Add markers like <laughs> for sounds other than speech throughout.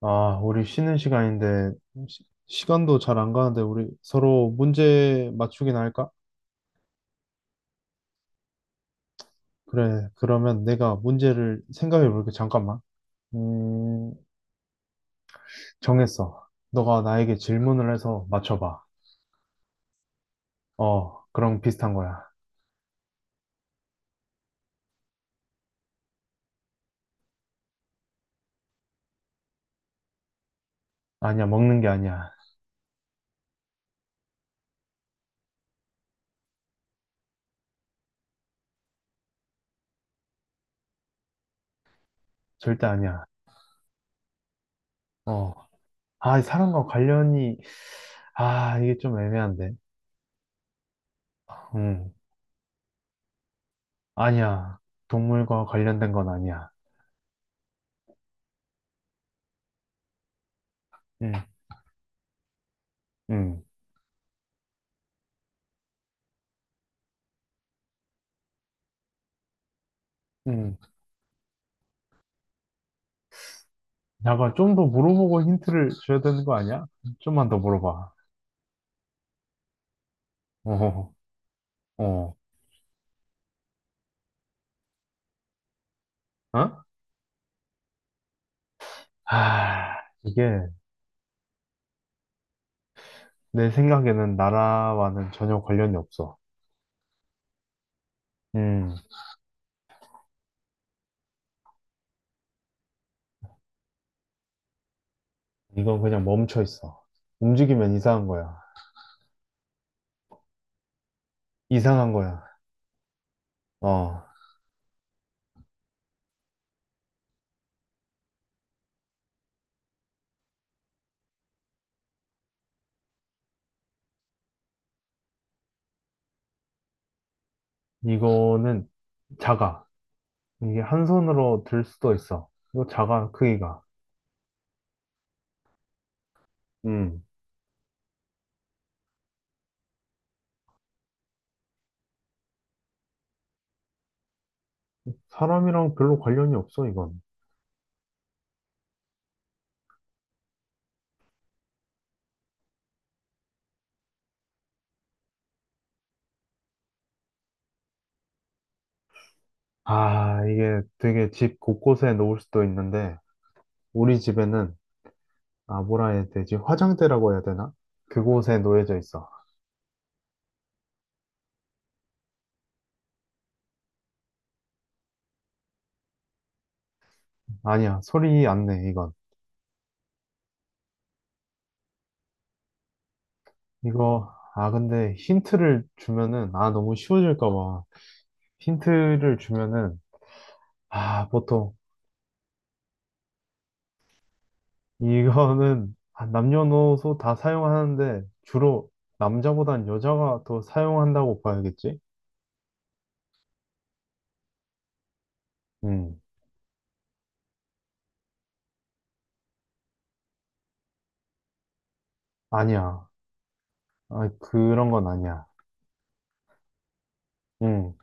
아, 우리 쉬는 시간인데, 간도 잘 안 가는데, 우리 서로 문제 맞추기나 할까? 그래, 그러면 내가 문제를 생각해 볼게. 잠깐만. 음, 정했어. 너가 나에게 질문을 해서 맞춰봐. 어, 그럼 비슷한 거야. 아니야, 먹는 게 아니야. 절대 아니야. 어, 아, 이 사람과 관련이, 아, 이게 좀 애매한데. 음, 아니야. 동물과 관련된 건 아니야. 음, 음, 음. 약간 좀 더 물어보고 힌트를 줘야 되는 거 아니야? 좀만 더 물어봐. 어, 어, 어? 아, 이게 내 생각에는 나라와는 전혀 관련이 없어. 음, 이건 그냥 멈춰 있어. 움직이면 이상한 거야. 이상한 거야. 어, 이거는 작아. 이게 한 손으로 들 수도 있어. 이거 작아, 크기가. 음, 사람이랑 별로 관련이 없어, 이건. 아, 이게 되게 집 곳곳에 놓을 수도 있는데, 우리 집에는 아, 뭐라 해야 되지? 화장대라고 해야 되나? 그곳에 놓여져 있어. 아니야, 소리 안 내, 이건. 이거, 아, 근데 힌트를 주면은, 아, 너무 쉬워질까 봐. 힌트를 주면은, 아, 보통, 이거는 아, 남녀노소 다 사용하는데, 주로 남자보단 여자가 더 사용한다고 봐야겠지? 음, 아니야. 아, 그런 건 아니야. 음,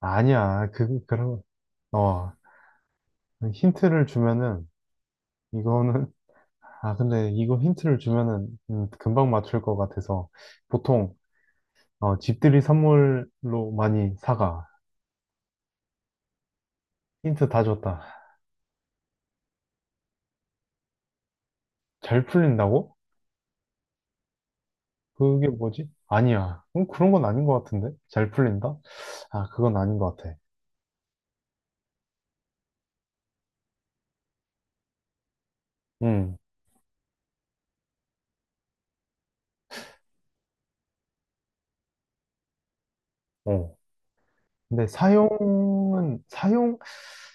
아니야. 그런, 어, 힌트를 주면은, 이거는 아, 근데 이거 힌트를 주면은 금방 맞출 것 같아서 보통 어, 집들이 선물로 많이 사가. 힌트 다 줬다. 잘 풀린다고? 그게 뭐지? 아니야. 그런 건 아닌 것 같은데? 잘 풀린다? 아, 그건 아닌 것 같아. 음, 어. 근데 사용,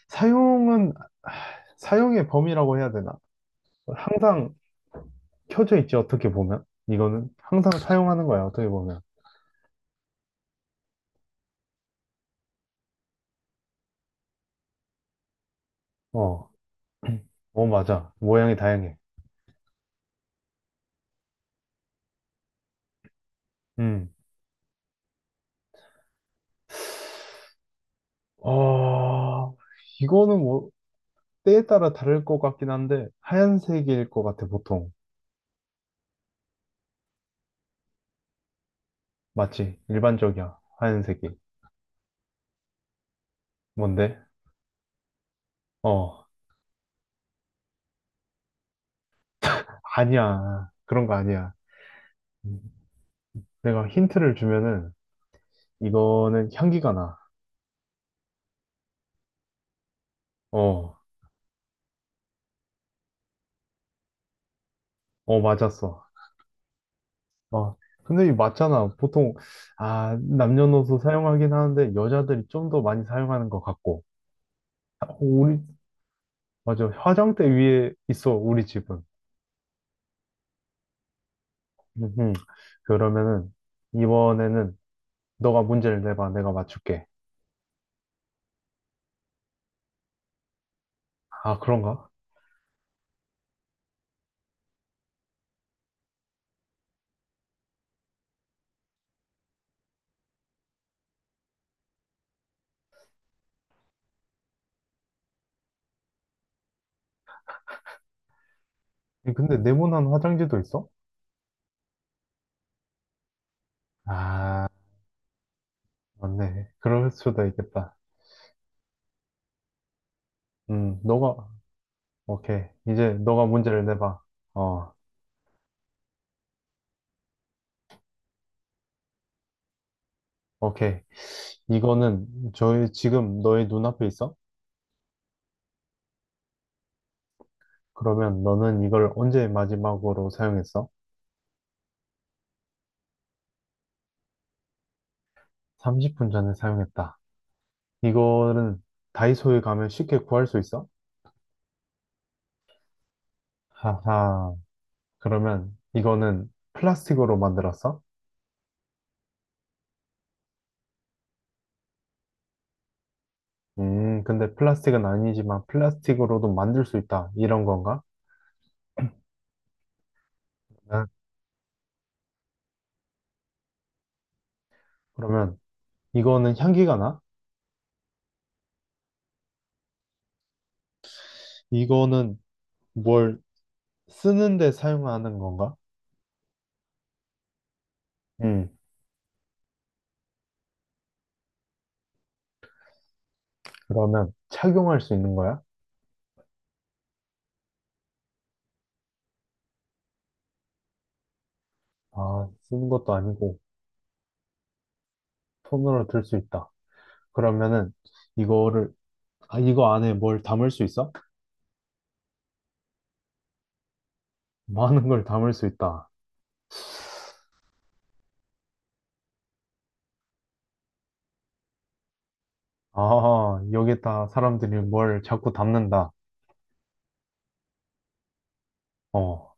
사용은, 아, 사용의 범위라고 해야 되나? 항상 켜져 있지, 어떻게 보면. 이거는 항상 사용하는 거야, 어떻게 보면. 어, 어, 맞아. 모양이 다양해. 음. 아, 이거는 뭐 때에 따라 다를 것 같긴 한데 하얀색일 것 같아 보통. 맞지? 일반적이야. 하얀색이. 뭔데? 어, 아니야. 그런 거 아니야. 음, 내가 힌트를 주면은 이거는 향기가 나. 어, 어 맞았어. 어, 근데 이 맞잖아. 보통 아 남녀노소 사용하긴 하는데 여자들이 좀 더 많이 사용하는 것 같고. 아, 우리 맞아. 화장대 위에 있어 우리 집은. 음흠. 그러면은 이번에는 너가 문제를 내봐. 내가 맞출게. 아, 그런가? 근데 네모난 화장지도 있어? 아, 맞네. 그럴 수도 있겠다. 너가 오케이. 이제 너가 문제를 내봐. 어, 오케이. 이거는 저희 지금 너의 눈앞에 있어? 그러면 너는 이걸 언제 마지막으로 사용했어? 30분 전에 사용했다. 이거는 다이소에 가면 쉽게 구할 수 있어? 하하. 그러면 이거는 플라스틱으로 만들었어? 근데 플라스틱은 아니지만 플라스틱으로도 만들 수 있다. 이런 건가? 아, 그러면 이거는 향기가 나? 이거는 뭘 쓰는데 사용하는 건가? 음, 그러면 착용할 수 있는 거야? 아, 쓰는 것도 아니고 손으로 들 수 있다. 그러면은 이거를, 아, 이거 안에 뭘 담을 수 있어? 많은 걸 담을 수 있다. 아, 여기다 사람들이 뭘 자꾸 담는다. 어.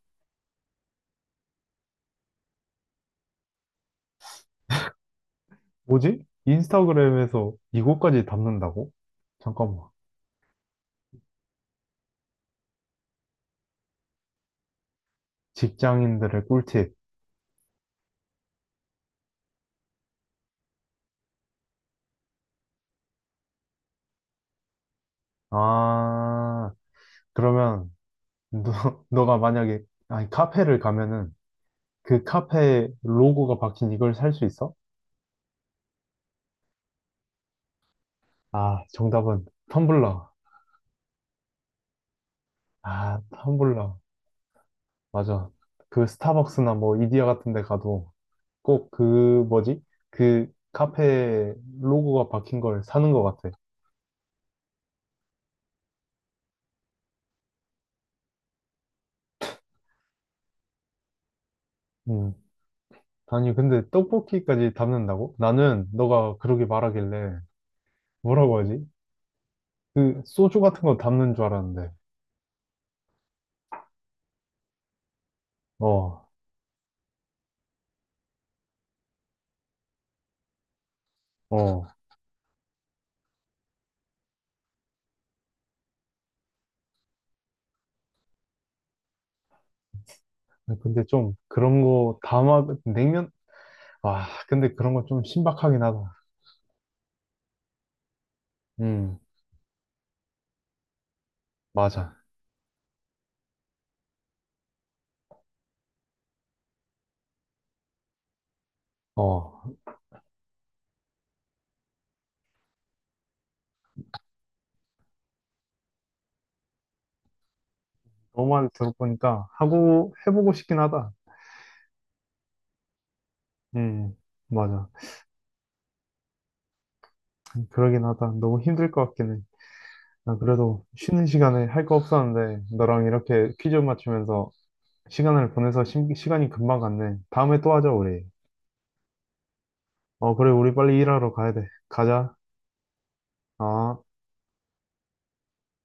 뭐지? 인스타그램에서 이거까지 담는다고? 잠깐만. 직장인들의 꿀팁. 아, 그러면 너, <laughs> 너가 만약에 아니, 카페를 가면은 그 카페 로고가 박힌 이걸 살 수 있어? 아, 정답은 텀블러. 아, 텀블러. 맞아. 그 스타벅스나 뭐 이디야 같은 데 가도 꼭 그 뭐지? 그 카페 로고가 박힌 걸 사는 것 같아. 음, 아니, 근데 떡볶이까지 담는다고? 나는 너가 그러게 말하길래 뭐라고 하지? 그 소주 같은 거 담는 줄 알았는데. 어, 어. 근데 좀 그런 거 담아 냉면? 아, 근데 그런 거 좀 신박하긴 하다. 음, 맞아. 어, 너 말 들어보니까 하고 해보고 싶긴 하다. 음, 맞아. 그러긴 하다. 너무 힘들 것 같긴 해. 나 그래도 쉬는 시간에 할 거 없었는데 너랑 이렇게 퀴즈 맞추면서 시간을 보내서 시간이 금방 갔네. 다음에 또 하자, 우리. 어, 그래, 우리 빨리 일하러 가야 돼. 가자. 어.